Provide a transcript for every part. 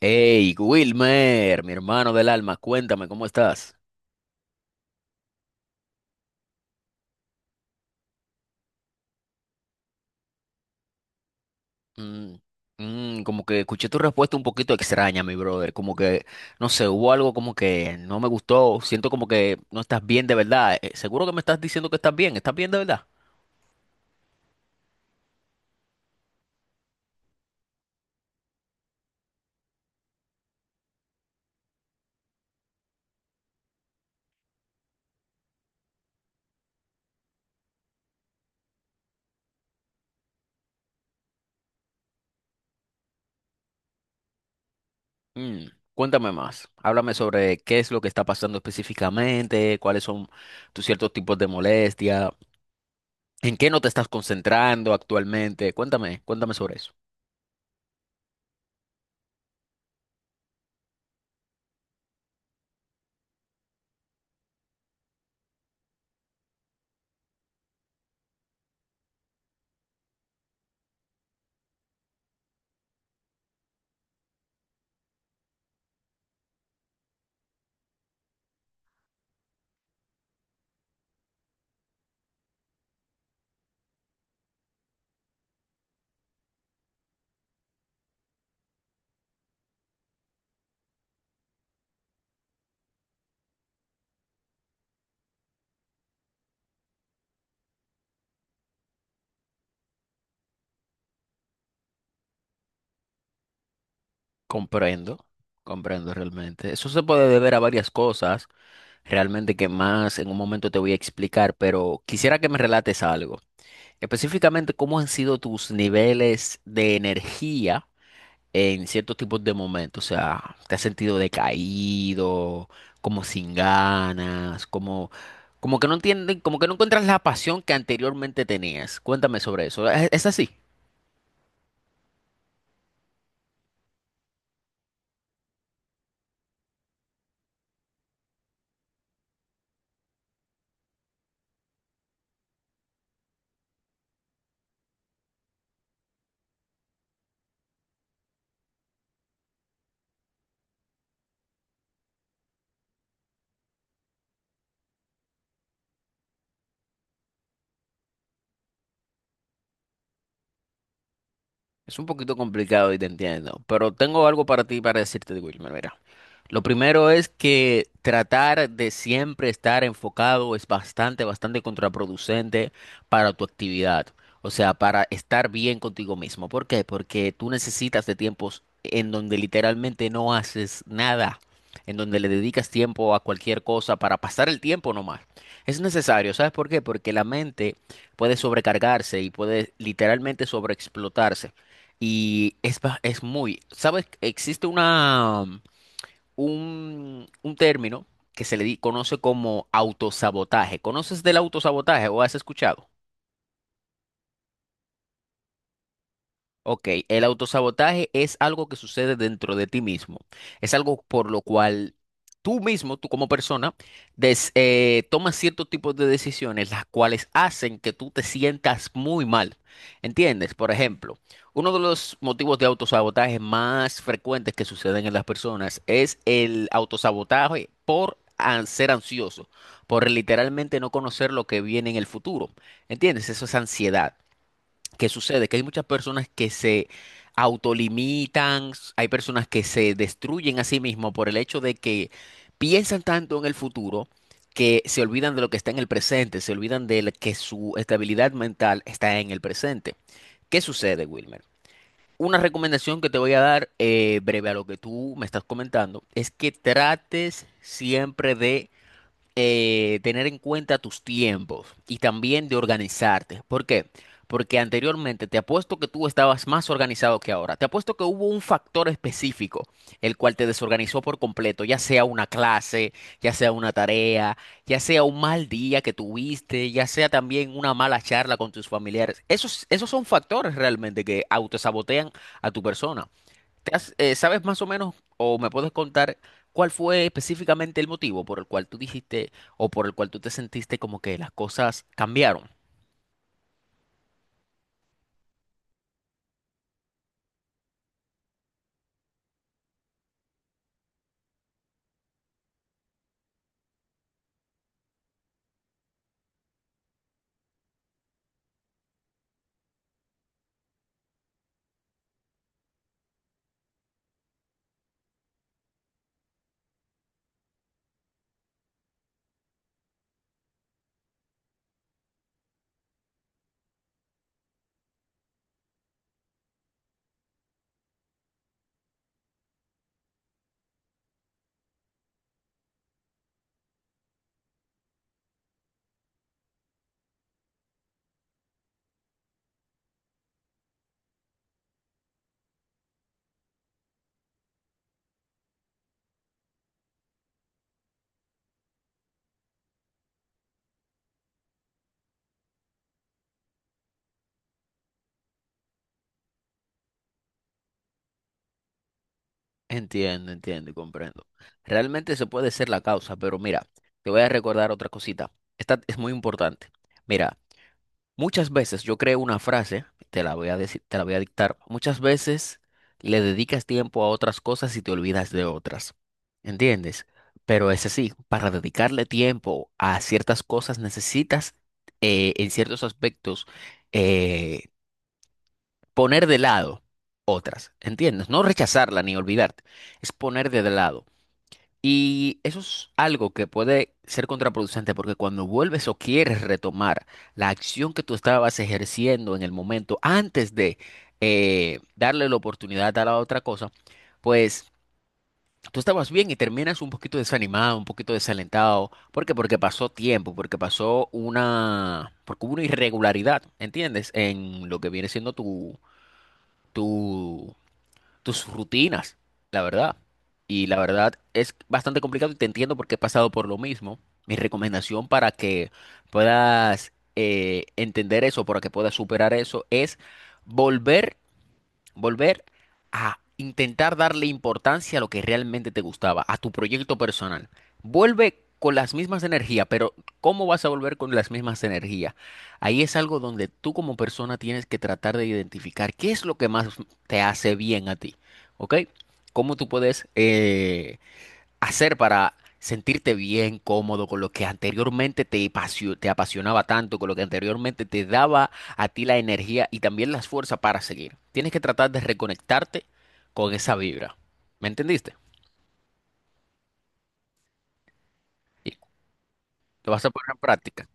Hey, Wilmer, mi hermano del alma, cuéntame, ¿cómo estás? Mm, como que escuché tu respuesta un poquito extraña, mi brother. Como que, no sé, hubo algo como que no me gustó. Siento como que no estás bien de verdad. Seguro que me estás diciendo que estás bien. ¿Estás bien de verdad? Mm, cuéntame más. Háblame sobre qué es lo que está pasando específicamente, cuáles son tus ciertos tipos de molestia, en qué no te estás concentrando actualmente. Cuéntame, cuéntame sobre eso. Comprendo, comprendo realmente. Eso se puede deber a varias cosas, realmente que más en un momento te voy a explicar, pero quisiera que me relates algo. Específicamente, ¿cómo han sido tus niveles de energía en ciertos tipos de momentos? O sea, ¿te has sentido decaído, como sin ganas, como, como que no entienden, como que no encuentras la pasión que anteriormente tenías? Cuéntame sobre eso. ¿Es así? Es un poquito complicado y te entiendo, pero tengo algo para ti para decirte, Wilmer, mira. Lo primero es que tratar de siempre estar enfocado es bastante, bastante contraproducente para tu actividad. O sea, para estar bien contigo mismo. ¿Por qué? Porque tú necesitas de tiempos en donde literalmente no haces nada, en donde le dedicas tiempo a cualquier cosa para pasar el tiempo nomás. Es necesario, ¿sabes por qué? Porque la mente puede sobrecargarse y puede literalmente sobreexplotarse. Y es muy, ¿sabes? Existe un término que se le conoce como autosabotaje. ¿Conoces del autosabotaje o has escuchado? Ok, el autosabotaje es algo que sucede dentro de ti mismo. Es algo por lo cual tú mismo, tú como persona, tomas ciertos tipos de decisiones, las cuales hacen que tú te sientas muy mal. ¿Entiendes? Por ejemplo, uno de los motivos de autosabotaje más frecuentes que suceden en las personas es el autosabotaje por ser ansioso, por literalmente no conocer lo que viene en el futuro. ¿Entiendes? Eso es ansiedad. ¿Qué sucede? Que hay muchas personas que se autolimitan, s- hay personas que se destruyen a sí mismos por el hecho de que piensan tanto en el futuro que se olvidan de lo que está en el presente, se olvidan que su estabilidad mental está en el presente. ¿Qué sucede, Wilmer? Una recomendación que te voy a dar, breve a lo que tú me estás comentando, es que trates siempre de tener en cuenta tus tiempos y también de organizarte. ¿Por qué? Porque anteriormente te apuesto que tú estabas más organizado que ahora. Te apuesto que hubo un factor específico el cual te desorganizó por completo, ya sea una clase, ya sea una tarea, ya sea un mal día que tuviste, ya sea también una mala charla con tus familiares. Esos son factores realmente que autosabotean a tu persona. ¿Sabes más o menos o me puedes contar cuál fue específicamente el motivo por el cual tú dijiste o por el cual tú te sentiste como que las cosas cambiaron? Entiendo, entiendo y comprendo. Realmente eso puede ser la causa, pero mira, te voy a recordar otra cosita. Esta es muy importante. Mira, muchas veces yo creo una frase, te la voy a decir, te la voy a dictar. Muchas veces le dedicas tiempo a otras cosas y te olvidas de otras. ¿Entiendes? Pero es así, para dedicarle tiempo a ciertas cosas necesitas en ciertos aspectos eh, poner de lado otras. ¿Entiendes? No rechazarla ni olvidarte, es poner de lado. Y eso es algo que puede ser contraproducente porque cuando vuelves o quieres retomar la acción que tú estabas ejerciendo en el momento antes de darle la oportunidad a la otra cosa, pues tú estabas bien y terminas un poquito desanimado, un poquito desalentado. ¿Por qué? Porque pasó tiempo, porque porque hubo una irregularidad, ¿entiendes? En lo que viene siendo tu, tus rutinas, la verdad. Y la verdad es bastante complicado y te entiendo porque he pasado por lo mismo. Mi recomendación para que puedas entender eso, para que puedas superar eso, es volver Volver a intentar darle importancia a lo que realmente te gustaba, a tu proyecto personal. Vuelve con las mismas energías, pero ¿cómo vas a volver con las mismas energías? Ahí es algo donde tú como persona tienes que tratar de identificar qué es lo que más te hace bien a ti, ¿ok? ¿Cómo tú puedes hacer para sentirte bien, cómodo con lo que anteriormente te te apasionaba tanto, con lo que anteriormente te daba a ti la energía y también las fuerzas para seguir. Tienes que tratar de reconectarte con esa vibra. ¿Me entendiste? Y lo vas a poner en práctica.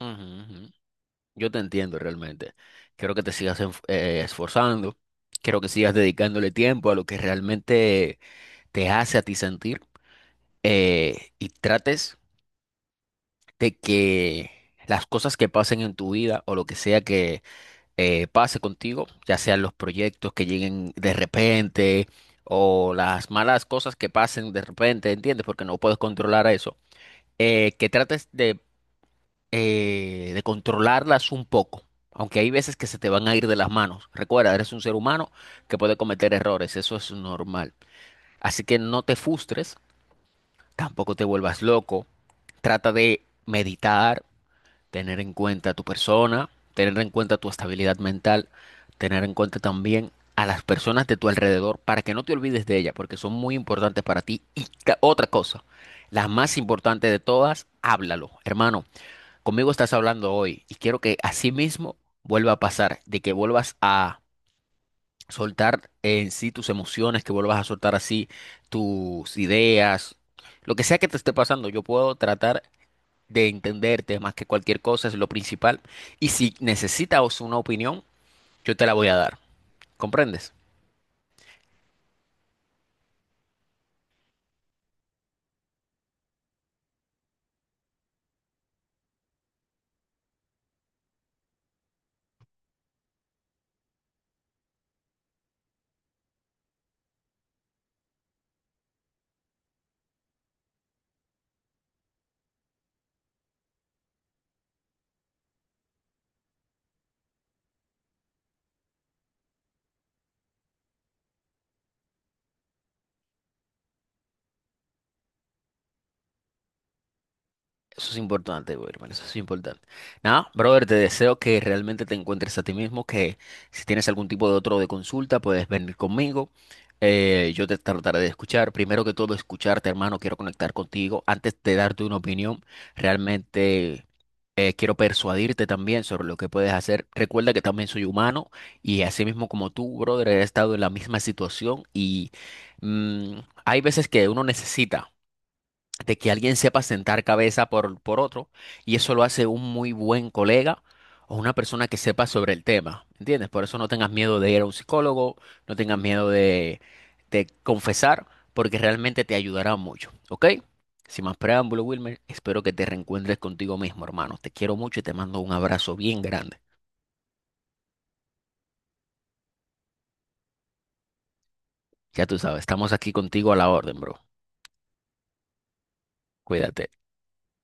Ujú, ujú. Yo te entiendo realmente. Quiero que te sigas esforzando. Quiero que sigas dedicándole tiempo a lo que realmente te hace a ti sentir. Y trates de que las cosas que pasen en tu vida o lo que sea que pase contigo, ya sean los proyectos que lleguen de repente o las malas cosas que pasen de repente, ¿entiendes? Porque no puedes controlar eso. Que trates de controlarlas un poco. Aunque hay veces que se te van a ir de las manos. Recuerda, eres un ser humano que puede cometer errores, eso es normal. Así que no te frustres, tampoco te vuelvas loco. Trata de meditar, tener en cuenta a tu persona, tener en cuenta tu estabilidad mental, tener en cuenta también a las personas de tu alrededor para que no te olvides de ellas, porque son muy importantes para ti. Y otra cosa, la más importante de todas, háblalo. Hermano, conmigo estás hablando hoy y quiero que así mismo vuelva a pasar, de que vuelvas a soltar en sí tus emociones, que vuelvas a soltar así tus ideas, lo que sea que te esté pasando, yo puedo tratar de entenderte más que cualquier cosa es lo principal. Y si necesitas una opinión, yo te la voy a dar. ¿Comprendes? Eso es importante, güey, hermano, eso es importante. Nada, brother, te deseo que realmente te encuentres a ti mismo, que si tienes algún tipo de otro de consulta, puedes venir conmigo. Yo te trataré de escuchar. Primero que todo, escucharte, hermano, quiero conectar contigo. Antes de darte una opinión, realmente quiero persuadirte también sobre lo que puedes hacer. Recuerda que también soy humano y así mismo como tú, brother, he estado en la misma situación y mm, hay veces que uno necesita de que alguien sepa sentar cabeza por otro, y eso lo hace un muy buen colega o una persona que sepa sobre el tema, ¿entiendes? Por eso no tengas miedo de ir a un psicólogo, no tengas miedo de confesar, porque realmente te ayudará mucho, ¿ok? Sin más preámbulo, Wilmer, espero que te reencuentres contigo mismo, hermano. Te quiero mucho y te mando un abrazo bien grande. Ya tú sabes, estamos aquí contigo a la orden, bro. Cuídate.